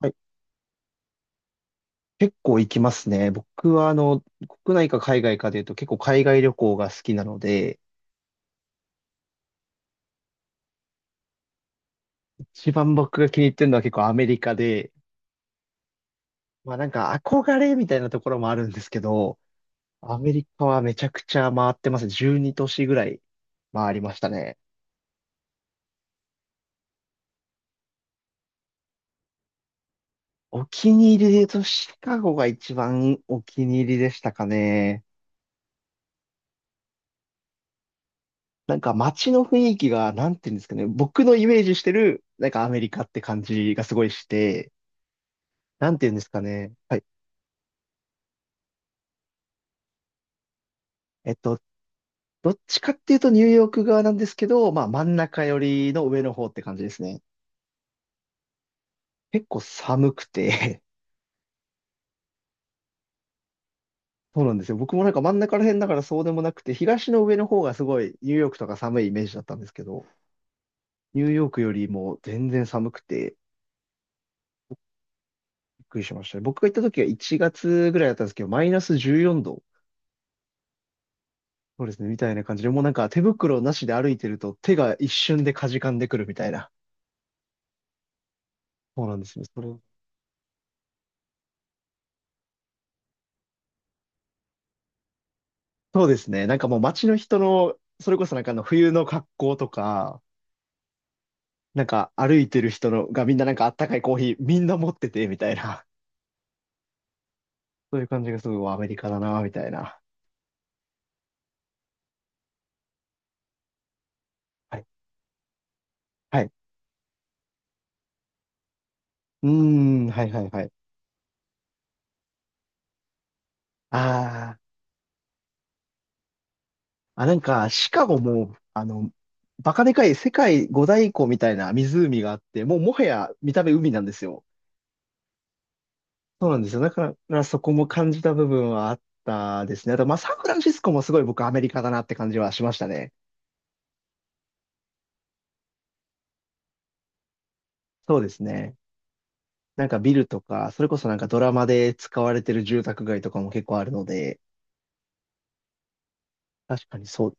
はい。結構行きますね。僕は、国内か海外かで言うと結構海外旅行が好きなので、一番僕が気に入ってるのは結構アメリカで、まあなんか憧れみたいなところもあるんですけど、アメリカはめちゃくちゃ回ってますね。12都市ぐらい回りましたね。お気に入りで言うとシカゴが一番お気に入りでしたかね。なんか街の雰囲気が、なんていうんですかね。僕のイメージしてる、なんかアメリカって感じがすごいして、なんていうんですかね。はい。えっと、どっちかっていうとニューヨーク側なんですけど、まあ真ん中寄りの上の方って感じですね。結構寒くて。 そうなんですよ。僕もなんか真ん中ら辺だからそうでもなくて、東の上の方がすごいニューヨークとか寒いイメージだったんですけど、ニューヨークよりも全然寒くてびっくりしましたね。僕が行った時は1月ぐらいだったんですけど、マイナス14度。そうですね、みたいな感じで、もうなんか手袋なしで歩いてると手が一瞬でかじかんでくるみたいな。そうなんですね。そうですね。なんかもう街の人の、それこそなんかあの冬の格好とか、なんか歩いてる人のがみんななんかあったかいコーヒーみんな持ってて、みたいな。そういう感じがすごいアメリカだな、みたいな。はい。はい。うーん、はいはいはい。あーあ、なんかシカゴも、バカでかい世界五大湖みたいな湖があって、もうもはや見た目海なんですよ。そうなんですよ。だからそこも感じた部分はあったですね。あと、まあ、サンフランシスコもすごい僕アメリカだなって感じはしましたね。そうですね。なんかビルとか、それこそなんかドラマで使われてる住宅街とかも結構あるので、確かにそう、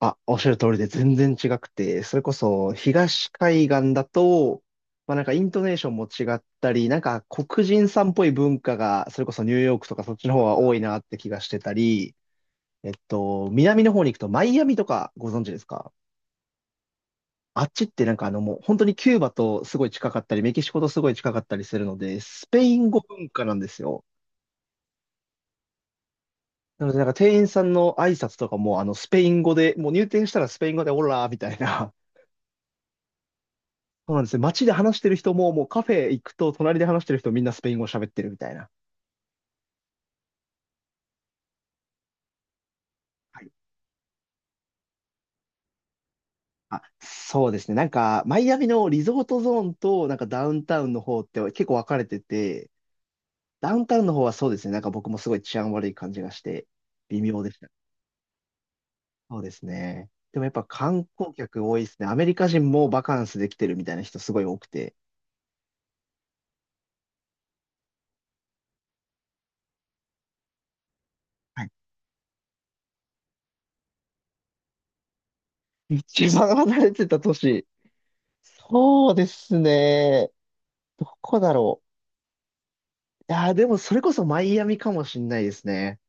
あ、おっしゃる通りで全然違くて、それこそ東海岸だと、まあなんかイントネーションも違ったり、なんか黒人さんっぽい文化が、それこそニューヨークとかそっちの方は多いなって気がしてたり、南の方に行くとマイアミとかご存知ですか？あっちってなんかもう本当にキューバとすごい近かったり、メキシコとすごい近かったりするので、スペイン語文化なんですよ。なので、なんか店員さんの挨拶とかも、スペイン語で、もう入店したらスペイン語で、オラーみたいな。そうなんですね。街で話してる人も、もうカフェ行くと、隣で話してる人みんなスペイン語喋ってるみたいな。はい。あ、そうですね。なんか、マイアミのリゾートゾーンと、なんかダウンタウンの方って結構分かれてて、ダウンタウンの方はそうですね。なんか僕もすごい治安悪い感じがして、微妙でした。そうですね。でもやっぱ観光客多いですね。アメリカ人もバカンスで来てるみたいな人すごい多くて。はい。一番離れてた都市。そうですね。どこだろう。いやー、でもそれこそマイアミかもしんないですね。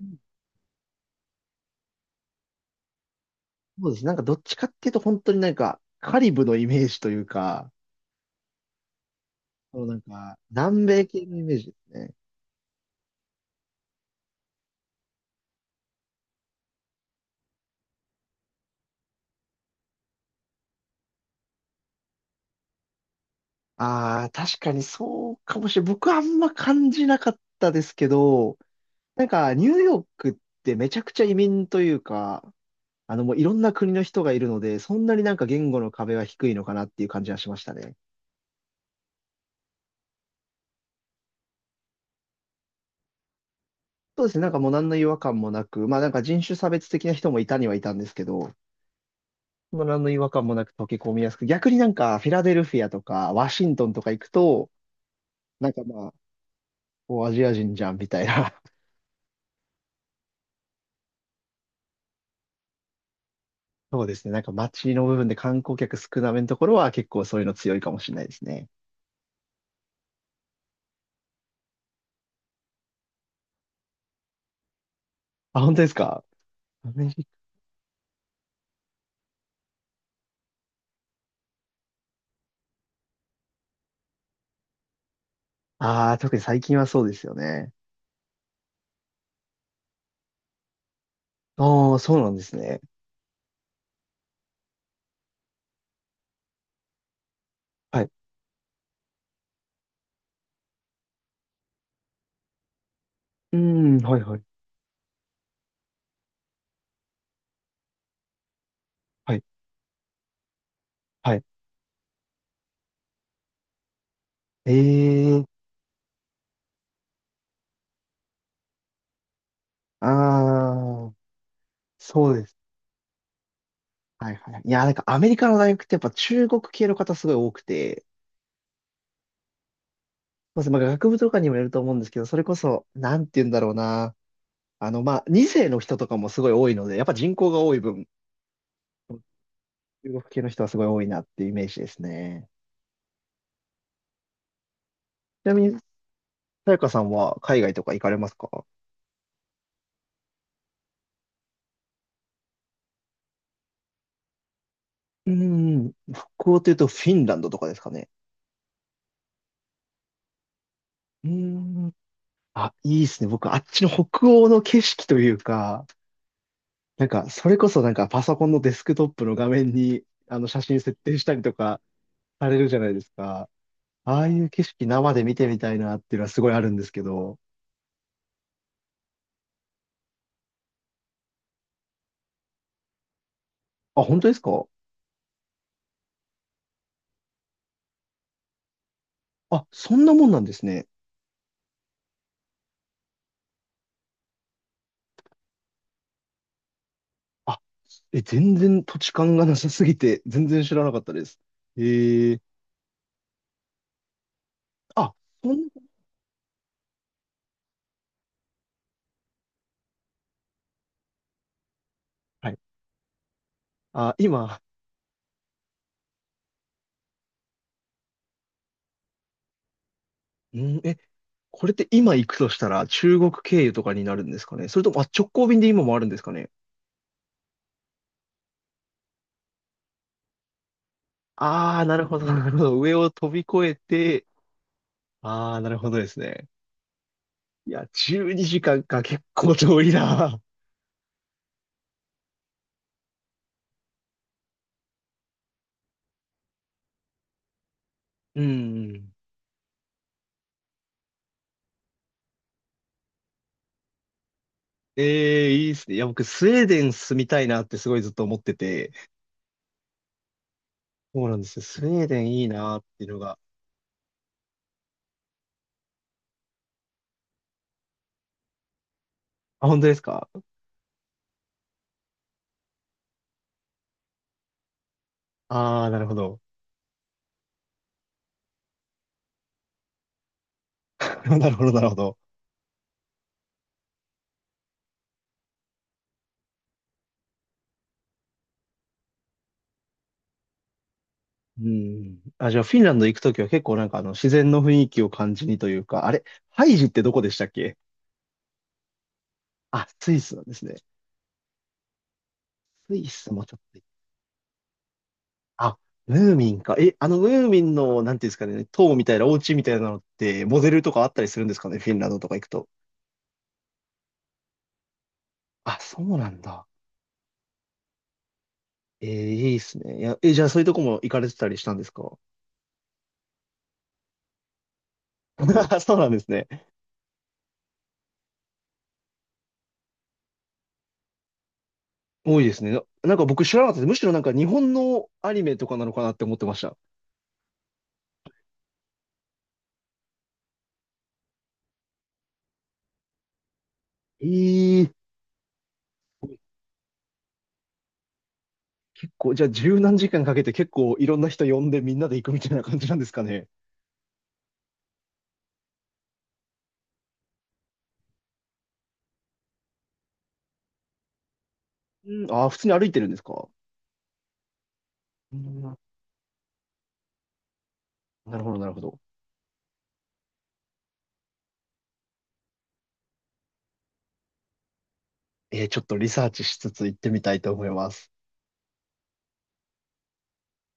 うん。そうです。なんかどっちかっていうと本当になんかカリブのイメージというか、そのなんか南米系のイメージですね。ああ、確かにそうかもしれない。僕はあんま感じなかったですけど、なんかニューヨークってめちゃくちゃ移民というか、もういろんな国の人がいるので、そんなになんか言語の壁は低いのかなっていう感じはしましたね。そうですね。なんかもう何の違和感もなく、まあなんか人種差別的な人もいたにはいたんですけど、もう何の違和感もなく溶け込みやすく、逆になんかフィラデルフィアとかワシントンとか行くと、なんかまあ、もうアジア人じゃんみたいな。そうですね。なんか街の部分で観光客少なめのところは結構そういうの強いかもしれないですね。あ、本当ですか？ああー、特に最近はそうですよね。ああ、そうなんですね。はい。うーん、はいはい。はい、はい。ええ。ああ、そうです。はいはいはい。いや、なんかアメリカの大学ってやっぱ中国系の方すごい多くて、まず、まあ、学部とかにもよると思うんですけど、それこそ、なんて言うんだろうな。まあ、2世の人とかもすごい多いので、やっぱ人口が多い分、中国系の人はすごい多いなっていうイメージですね。ちなみに、さやかさんは海外とか行かれますか？うーん、北欧というとフィンランドとかですかね。うーん。あ、いいですね。僕、あっちの北欧の景色というか、なんか、それこそなんかパソコンのデスクトップの画面に、写真設定したりとか、されるじゃないですか。ああいう景色生で見てみたいなっていうのはすごいあるんですけど。あ、本当ですか？あ、そんなもんなんですね。あ、全然土地勘がなさすぎて、全然知らなかったです。えー、あ、そん、はい。あ、今、うん、これって今行くとしたら中国経由とかになるんですかね？それとも、あ、直行便で今もあるんですかね？ああー、なるほど、なるほど。上を飛び越えて、ああ、なるほどですね。いや、12時間かんか結構遠いな。うん。ええ、いいっすね。いや、僕、スウェーデン住みたいなってすごいずっと思ってて、そうなんですよ。スウェーデンいいなっていうのが。あ、本当ですか？ああー、なるほど。なるほど、なるほど。うん。あ、じゃあ、フィンランド行くときは結構なんか自然の雰囲気を感じにというか、あれ、ハイジってどこでしたっけ？あ、スイスなんですね。スイスもちょっと。あ、ムーミンか。ムーミンの、なんていうんですかね、塔みたいな、お家みたいなのって、モデルとかあったりするんですかね、フィンランドとか行くと。あ、そうなんだ。ええ、いいっすね。いや、じゃあそういうとこも行かれてたりしたんですか？ そうなんですね。多いですね。なんか僕知らなかったです。むしろなんか日本のアニメとかなのかなって思ってました。ええ、こう、じゃあ十何時間かけて結構いろんな人呼んでみんなで行くみたいな感じなんですかね。うん、ああ、普通に歩いてるんですか？うん、なるほど、なるほど。ええ、ちょっとリサーチしつつ行ってみたいと思います。